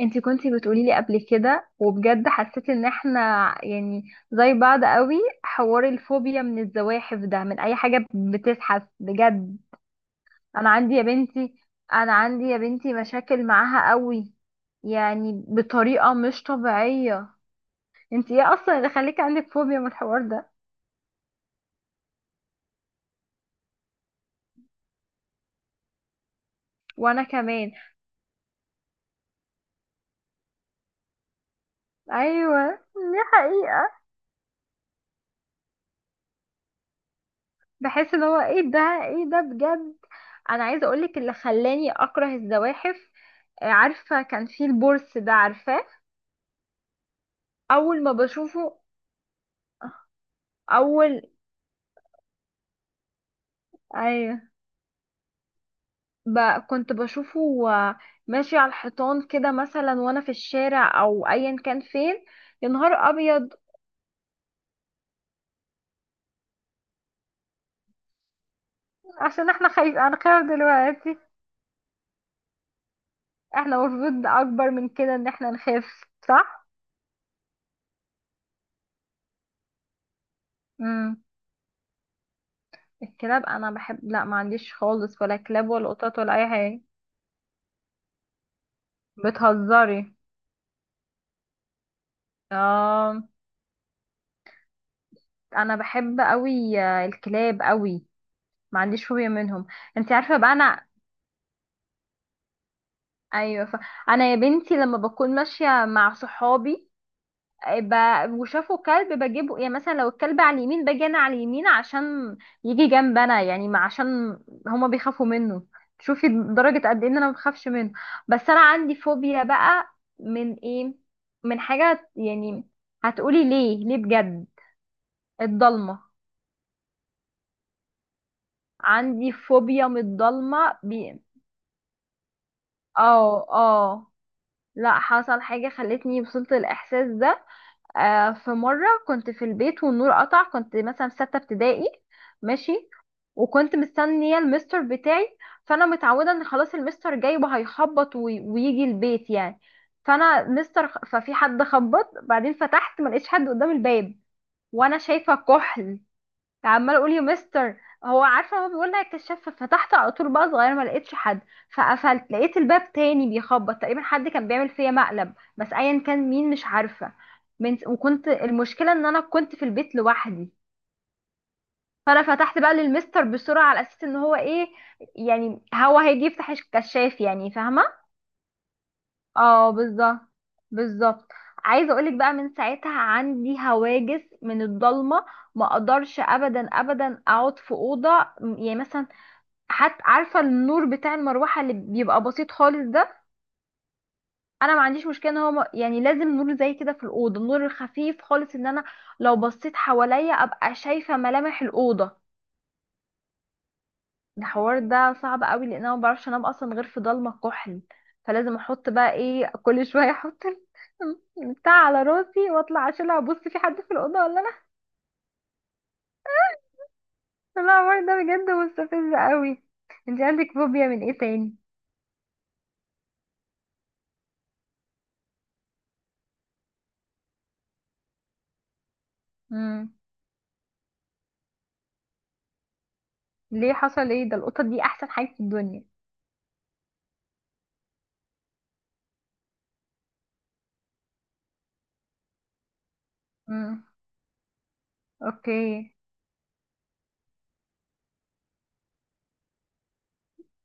انتي كنتي بتقولي لي قبل كده، وبجد حسيت ان احنا يعني زي بعض قوي. حوار الفوبيا من الزواحف ده من اي حاجة بتزحف بجد. انا عندي يا بنتي انا عندي يا بنتي مشاكل معاها قوي، يعني بطريقة مش طبيعية. انتي ايه اصلا اللي خليكي عندك فوبيا من الحوار ده؟ وانا كمان. ايوه دي حقيقة. بحس ان هو ايه ده، ايه ده بجد. انا عايزة اقولك اللي خلاني اكره الزواحف. عارفة كان في البورس ده، عارفاه؟ أول ما بشوفه، أول أيوة، ب... كنت بشوفه ماشي على الحيطان كده مثلا وأنا في الشارع أو أيا كان فين. يا نهار أبيض. عشان احنا أنا خايف دلوقتي. احنا المفروض أكبر من كده إن احنا نخاف، صح؟ مم. الكلاب أنا بحب، لا ما عنديش خالص ولا كلاب ولا قطط ولا أي حاجة. بتهزري. اه، أنا بحب أوي الكلاب أوي، ما عنديش فوبيا منهم. انت عارفه بقى انا، ايوه انا يا بنتي لما بكون ماشيه مع صحابي آه، ب... وشافوا كلب بجيبه، يعني مثلا لو الكلب على اليمين باجي انا على اليمين عشان يجي جنب انا، يعني ما عشان هما بيخافوا منه. شوفي درجه قد ايه ان انا ما بخافش منه. بس انا عندي فوبيا بقى. من ايه؟ من حاجه، يعني هتقولي ليه ليه بجد. الضلمه. عندي فوبيا من الضلمه اه اه. لا حصل حاجة خلتني وصلت الإحساس ده. آه، في مرة كنت في البيت والنور قطع، كنت مثلا في ستة ابتدائي. ماشي. وكنت مستنية المستر بتاعي، فأنا متعودة إن خلاص المستر جاي وهيخبط ويجي البيت يعني. فأنا مستر ففي حد خبط، بعدين فتحت ما لقيتش حد قدام الباب. وأنا شايفة كحل، عمال اقول يا مستر، هو عارفه هو بيقول لها الكشاف فتحت على طول بقى، صغير ما لقيتش حد. فقفلت لقيت الباب تاني بيخبط، تقريبا حد كان بيعمل فيا مقلب، بس ايا كان مين مش عارفه من. وكنت المشكله ان انا كنت في البيت لوحدي. فانا فتحت بقى للمستر بسرعه على اساس ان هو ايه، يعني هو هيجي يفتح الكشاف، يعني فاهمه. اه بالظبط، بالظبط. عايزه اقولك بقى من ساعتها عندي هواجس من الضلمه. ما اقدرش ابدا اقعد في اوضه، يعني مثلا حتى عارفه النور بتاع المروحه اللي بيبقى بسيط خالص ده، انا ما عنديش مشكله ان هو يعني لازم نور زي كده في الاوضه، النور الخفيف خالص، ان انا لو بصيت حواليا ابقى شايفه ملامح الاوضه. الحوار ده صعب قوي لان انا ما بعرفش انام اصلا غير في ضلمه كحل. فلازم احط بقى ايه كل شويه، احط بتاع على راسي واطلع اشيلها ابص في حد في الاوضه ولا لا. لا الحوار ده بجد مستفز قوي. انت عندك فوبيا من ايه تاني؟ امم. ليه، حصل ايه؟ ده القطط دي احسن حاجه في الدنيا. اوكي.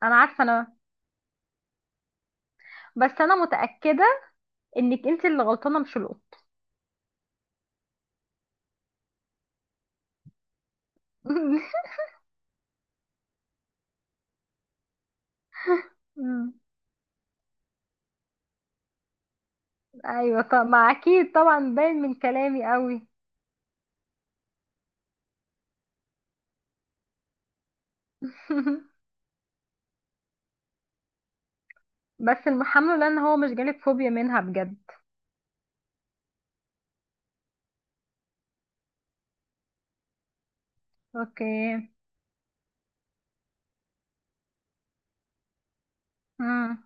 انا عارفه انا، بس انا متاكده انك انت اللي غلطانه مش القط. مم. ايوه، طب ما اكيد طبعا باين من كلامي قوي. بس المحمل لان هو مش جالك فوبيا منها بجد. اوكي. مم.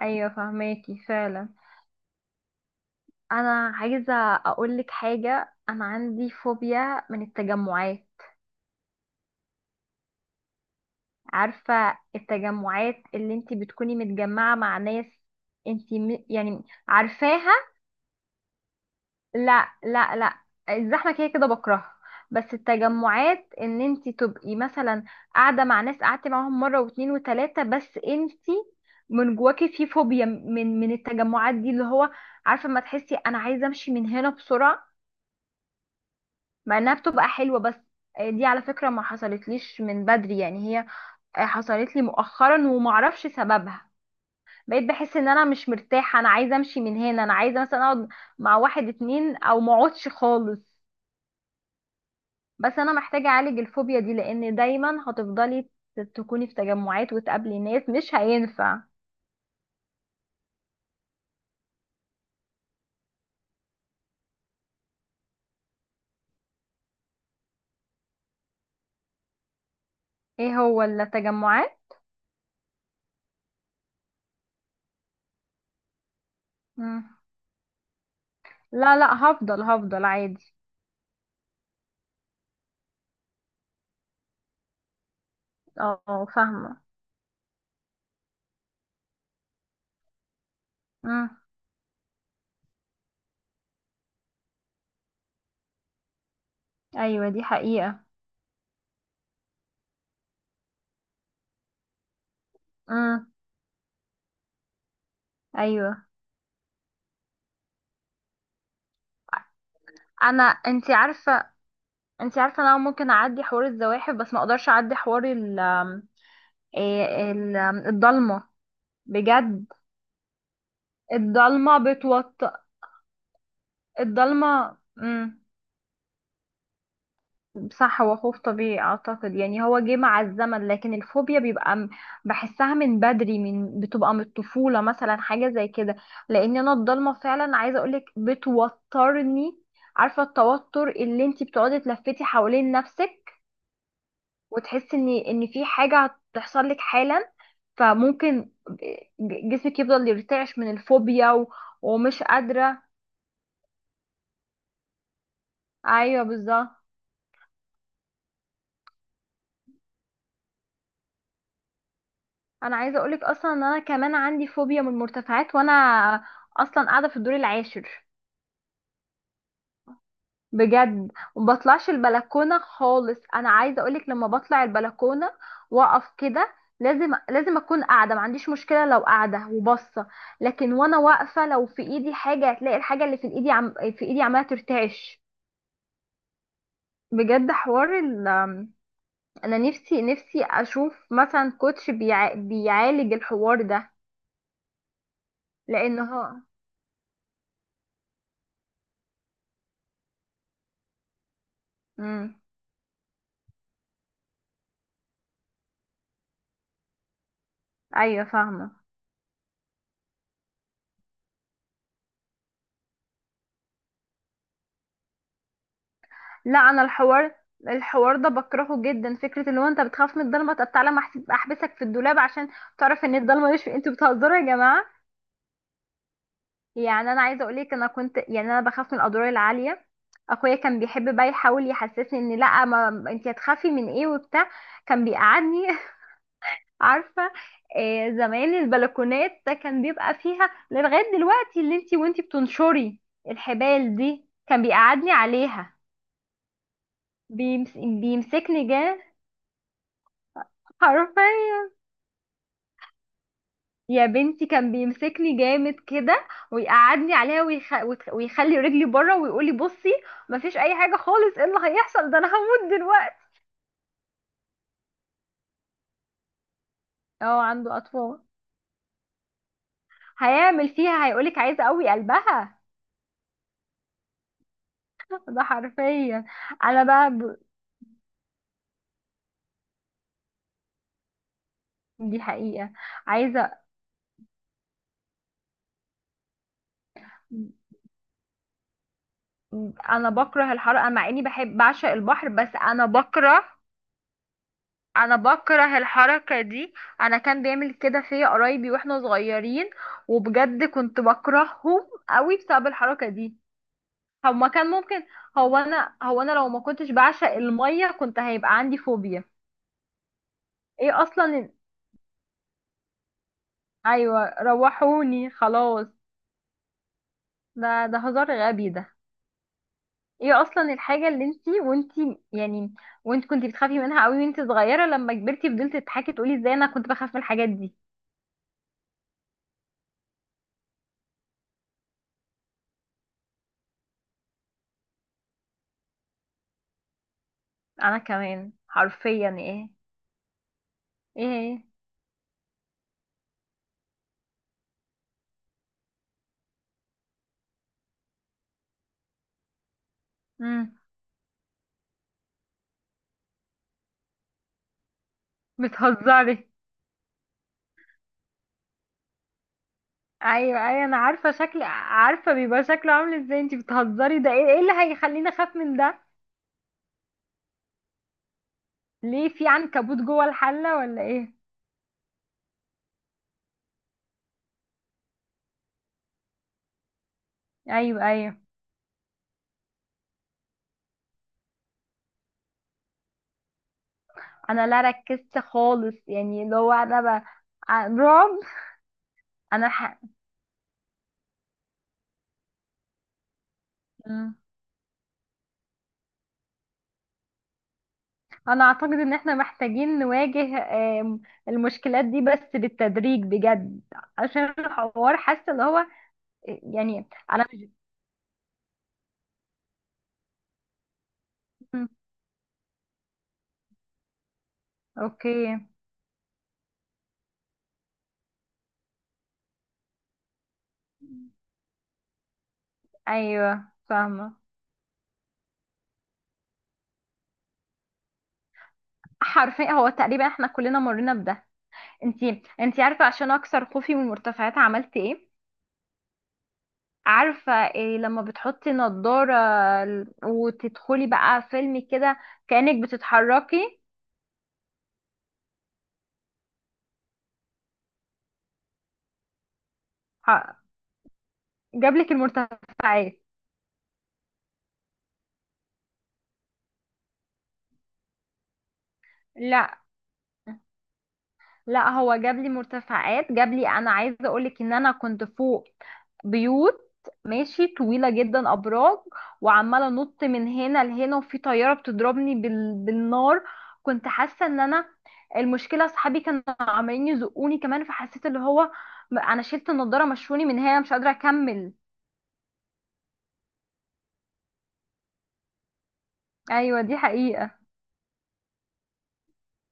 ايوه فهماكي فعلا. انا عايزه اقولك حاجه، انا عندي فوبيا من التجمعات. عارفه التجمعات اللي انتي بتكوني متجمعه مع ناس، يعني عارفاها. لا لا لا، الزحمه كده كده بكرهها. بس التجمعات ان انت تبقي مثلا قاعده مع ناس قعدتي معاهم مره واتنين وتلاته، بس انت من جواكي في فوبيا من التجمعات دي، اللي هو عارفه ما تحسي انا عايزه امشي من هنا بسرعه. مع انها بتبقى حلوه، بس دي على فكره ما حصلتليش من بدري يعني، هي حصلت لي مؤخرا ومعرفش سببها. بقيت بحس ان انا مش مرتاحه، انا عايزه امشي من هنا، انا عايزه مثلا اقعد مع واحد اتنين او ما اقعدش خالص. بس انا محتاجة اعالج الفوبيا دي، لان دايما هتفضلي تكوني في تجمعات وتقابلي ناس، مش هينفع. ايه هو ولا تجمعات؟ مم. لا لا، هفضل هفضل عادي. اه فاهمة. مم. ايوه دي حقيقة. مم. ايوه. انا انتي عارفة، انتي عارفة انا ممكن اعدي حوار الزواحف بس ما اقدرش اعدي حوار ال الضلمة بجد. الضلمة بتوتر. الضلمة مم. صح، هو خوف طبيعي اعتقد يعني، هو جه مع الزمن لكن الفوبيا بيبقى بحسها من بدري، من بتبقى من الطفولة مثلا حاجة زي كده. لان انا الضلمة فعلا عايزة اقولك بتوترني. عارفة التوتر اللي انتي بتقعدي تلفتي حوالين نفسك وتحسي ان في حاجة هتحصل لك حالا. فممكن جسمك يفضل يرتعش من الفوبيا ومش قادرة. ايوه بالظبط. انا عايزه اقولك اصلا ان انا كمان عندي فوبيا من المرتفعات، وانا اصلا قاعده في الدور العاشر بجد. وما بطلعش البلكونه خالص، انا عايزه اقولك لما بطلع البلكونه واقف كده، لازم لازم اكون قاعده، ما عنديش مشكله لو قاعده وباصه. لكن وانا واقفه لو في ايدي حاجه، هتلاقي الحاجه اللي في ايدي في ايدي عماله ترتعش. بجد حوار ال، انا نفسي نفسي اشوف مثلا كوتش بيعالج الحوار ده. لان هو، امم. ايوه فاهمه. لا انا الحوار، الحوار ده بكرهه جدا، فكره اللي هو انت بتخاف من الضلمه، طب تعالى ما أحس- احبسك في الدولاب عشان تعرف ان الضلمه مش في. انتوا بتهزروا يا جماعه. يعني انا عايزه اقولك انا كنت يعني انا بخاف من الادوار العاليه. اخويا كان بيحب بقى يحاول يحسسني ان لا، ما انت هتخافي من ايه وبتاع. كان بيقعدني عارفه، زمان البلكونات ده كان بيبقى فيها لغايه دلوقتي اللي انت، وانت بتنشري الحبال دي كان بيقعدني عليها. بيمسكني جاه. عارفه يا بنتي كان بيمسكني جامد كده ويقعدني عليها ويخلي رجلي بره ويقولي بصي، مفيش اي حاجه خالص، ايه اللي هيحصل؟ ده انا هموت دلوقتي. اه عنده اطفال. هيعمل فيها، هيقولك عايزه قوي قلبها. ده حرفيا. انا بقى دي حقيقه. عايزه. انا بكره الحر، انا مع اني بحب بعشق البحر بس انا بكره. انا بكره الحركة دي. انا كان بيعمل كده فيا قرايبي واحنا صغيرين، وبجد كنت بكرههم قوي بسبب الحركة دي. هو ما كان ممكن، هو انا لو ما كنتش بعشق المية كنت هيبقى عندي فوبيا. ايه اصلا. ايوه روحوني خلاص. ده ده هزار غبي ده. ايه اصلا الحاجة اللي انتي وانتي يعني، وانت كنتي بتخافي منها قوي وانتي صغيرة، لما كبرتي فضلتي تضحكي تقولي ازاي انا كنت بخاف من الحاجات دي. انا كمان حرفيا ايه ايه امم. بتهزري، ايوه ايوه انا عارفه شكل، عارفه بيبقى شكله عامل ازاي، انتي بتهزري، ده ايه ايه اللي هيخليني اخاف من ده؟ ليه في عنكبوت جوه الحله ولا ايه؟ ايوه ايوه. انا لا ركزت خالص، يعني اللي هو انا رعب. انا مم. انا اعتقد ان احنا محتاجين نواجه آم، المشكلات دي بس بالتدريج بجد، عشان الحوار حاسه اللي هو، يعني انا مش. مم. اوكي. ايوه فاهمه. حرفيا هو تقريبا احنا كلنا مرينا بده. انتي عارفه عشان اكسر خوفي من المرتفعات عملت ايه؟ عارفه إيه؟ لما بتحطي نضاره وتدخلي بقى فيلم كده كانك بتتحركي. ح- جابلك المرتفعات؟ لا لا، هو جاب لي مرتفعات. جاب لي، انا عايزه اقول لك ان انا كنت فوق بيوت، ماشي طويله جدا، ابراج، وعماله انط من هنا لهنا وفي طياره بتضربني بالنار. كنت حاسه ان انا، المشكله اصحابي كانوا عمالين يزقوني كمان، فحسيت اللي هو انا شلت النضاره، مشوني من هنا مش قادره اكمل. ايوه دي حقيقه.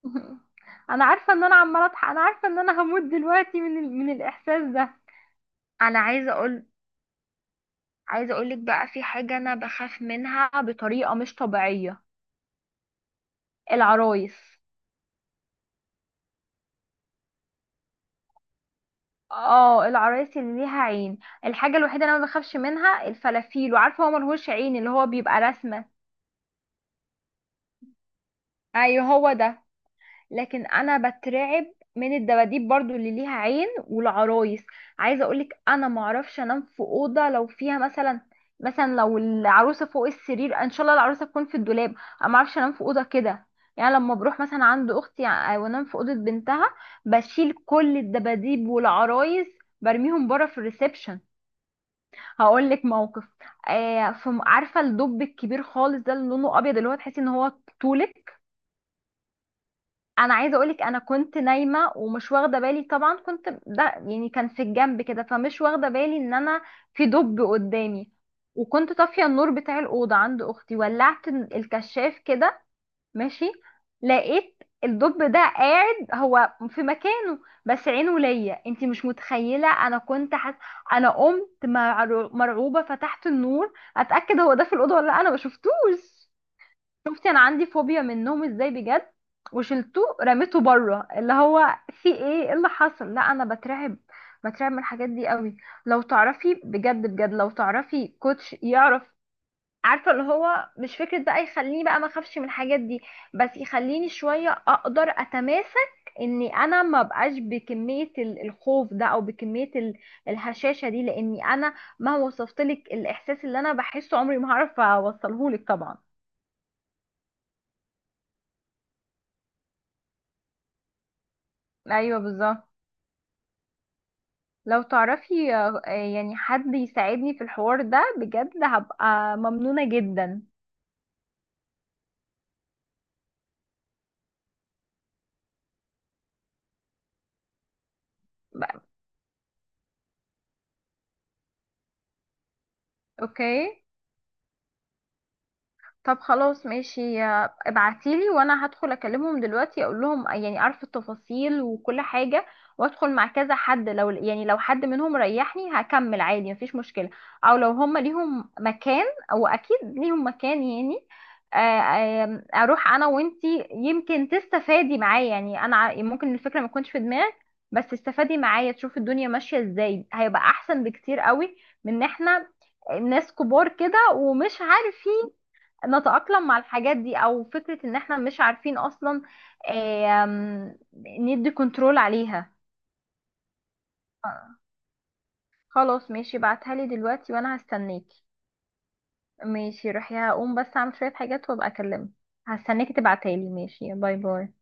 انا عارفه ان انا عماله اضحك، انا عارفه ان انا هموت دلوقتي من من الاحساس ده. انا عايزه اقول، عايزة اقولك بقى في حاجة انا بخاف منها بطريقة مش طبيعية. العرايس. اه العرايس اللي ليها عين. الحاجة الوحيدة اللي انا ما بخافش منها الفلافيل، وعارفة هو ملهوش عين اللي هو بيبقى رسمة. ايوه هو ده. لكن انا بترعب من الدباديب برضو اللي ليها عين والعرايس. عايزه اقولك انا معرفش انام في اوضه لو فيها مثلا، مثلا لو العروسه فوق السرير، ان شاء الله العروسه تكون في الدولاب. انا معرفش انام في اوضه كده. يعني لما بروح مثلا عند اختي وانام في اوضه بنتها، بشيل كل الدباديب والعرايس، برميهم بره في الريسبشن. هقول لك موقف. آه في، عارفه الدب الكبير خالص ده اللي لونه ابيض اللي هو تحسي ان هو طولك؟ انا عايزه اقولك انا كنت نايمه ومش واخده بالي طبعا، كنت ده يعني كان في الجنب كده فمش واخده بالي ان انا في دب قدامي. وكنت طافيه النور بتاع الاوضه عند اختي، ولعت الكشاف كده، ماشي، لقيت الدب ده قاعد هو في مكانه، بس عينه ليا. انتي مش متخيله انا كنت انا قمت مرعوبه، فتحت النور اتاكد هو ده في الاوضه ولا لأ، انا ما شفتوش. شفتي انا عندي فوبيا منهم ازاي بجد؟ وشلته رميته بره اللي هو في ايه، إيه اللي حصل، لا انا بترعب، بترعب من الحاجات دي قوي. لو تعرفي بجد بجد، لو تعرفي كوتش يعرف، عارفه اللي هو مش فكره بقى يخليني بقى ما اخافش من الحاجات دي، بس يخليني شويه اقدر اتماسك اني انا ما بقاش بكميه الخوف ده او بكميه الهشاشه دي، لاني انا مهما وصفتلك الاحساس اللي انا بحسه عمري ما هعرف اوصلهولك طبعا. ايوه بالظبط. لو تعرفي يعني حد يساعدني في الحوار ده بجد هبقى ممنونة جدا. اوكي. طب خلاص ماشي، ابعتيلي وانا هدخل اكلمهم دلوقتي اقول لهم، يعني عارفه التفاصيل وكل حاجه، وادخل مع كذا حد لو يعني لو حد منهم ريحني هكمل عادي مفيش مشكله. او لو هم ليهم مكان، او اكيد ليهم مكان يعني. اروح انا وانتي يمكن تستفادي معايا، يعني انا ممكن الفكره ما تكونش في دماغك بس تستفادي معايا تشوف الدنيا ماشيه ازاي، هيبقى احسن بكتير قوي من ان احنا ناس كبار كده ومش عارفين نتأقلم مع الحاجات دي، او فكرة ان احنا مش عارفين اصلا آم، ندي كنترول عليها. آه، خلاص ماشي، بعتها لي دلوقتي وانا هستناكي. ماشي روحي، هقوم بس اعمل شوية حاجات وابقى اكلمك. هستناكي تبعتها لي، ماشي، باي باي.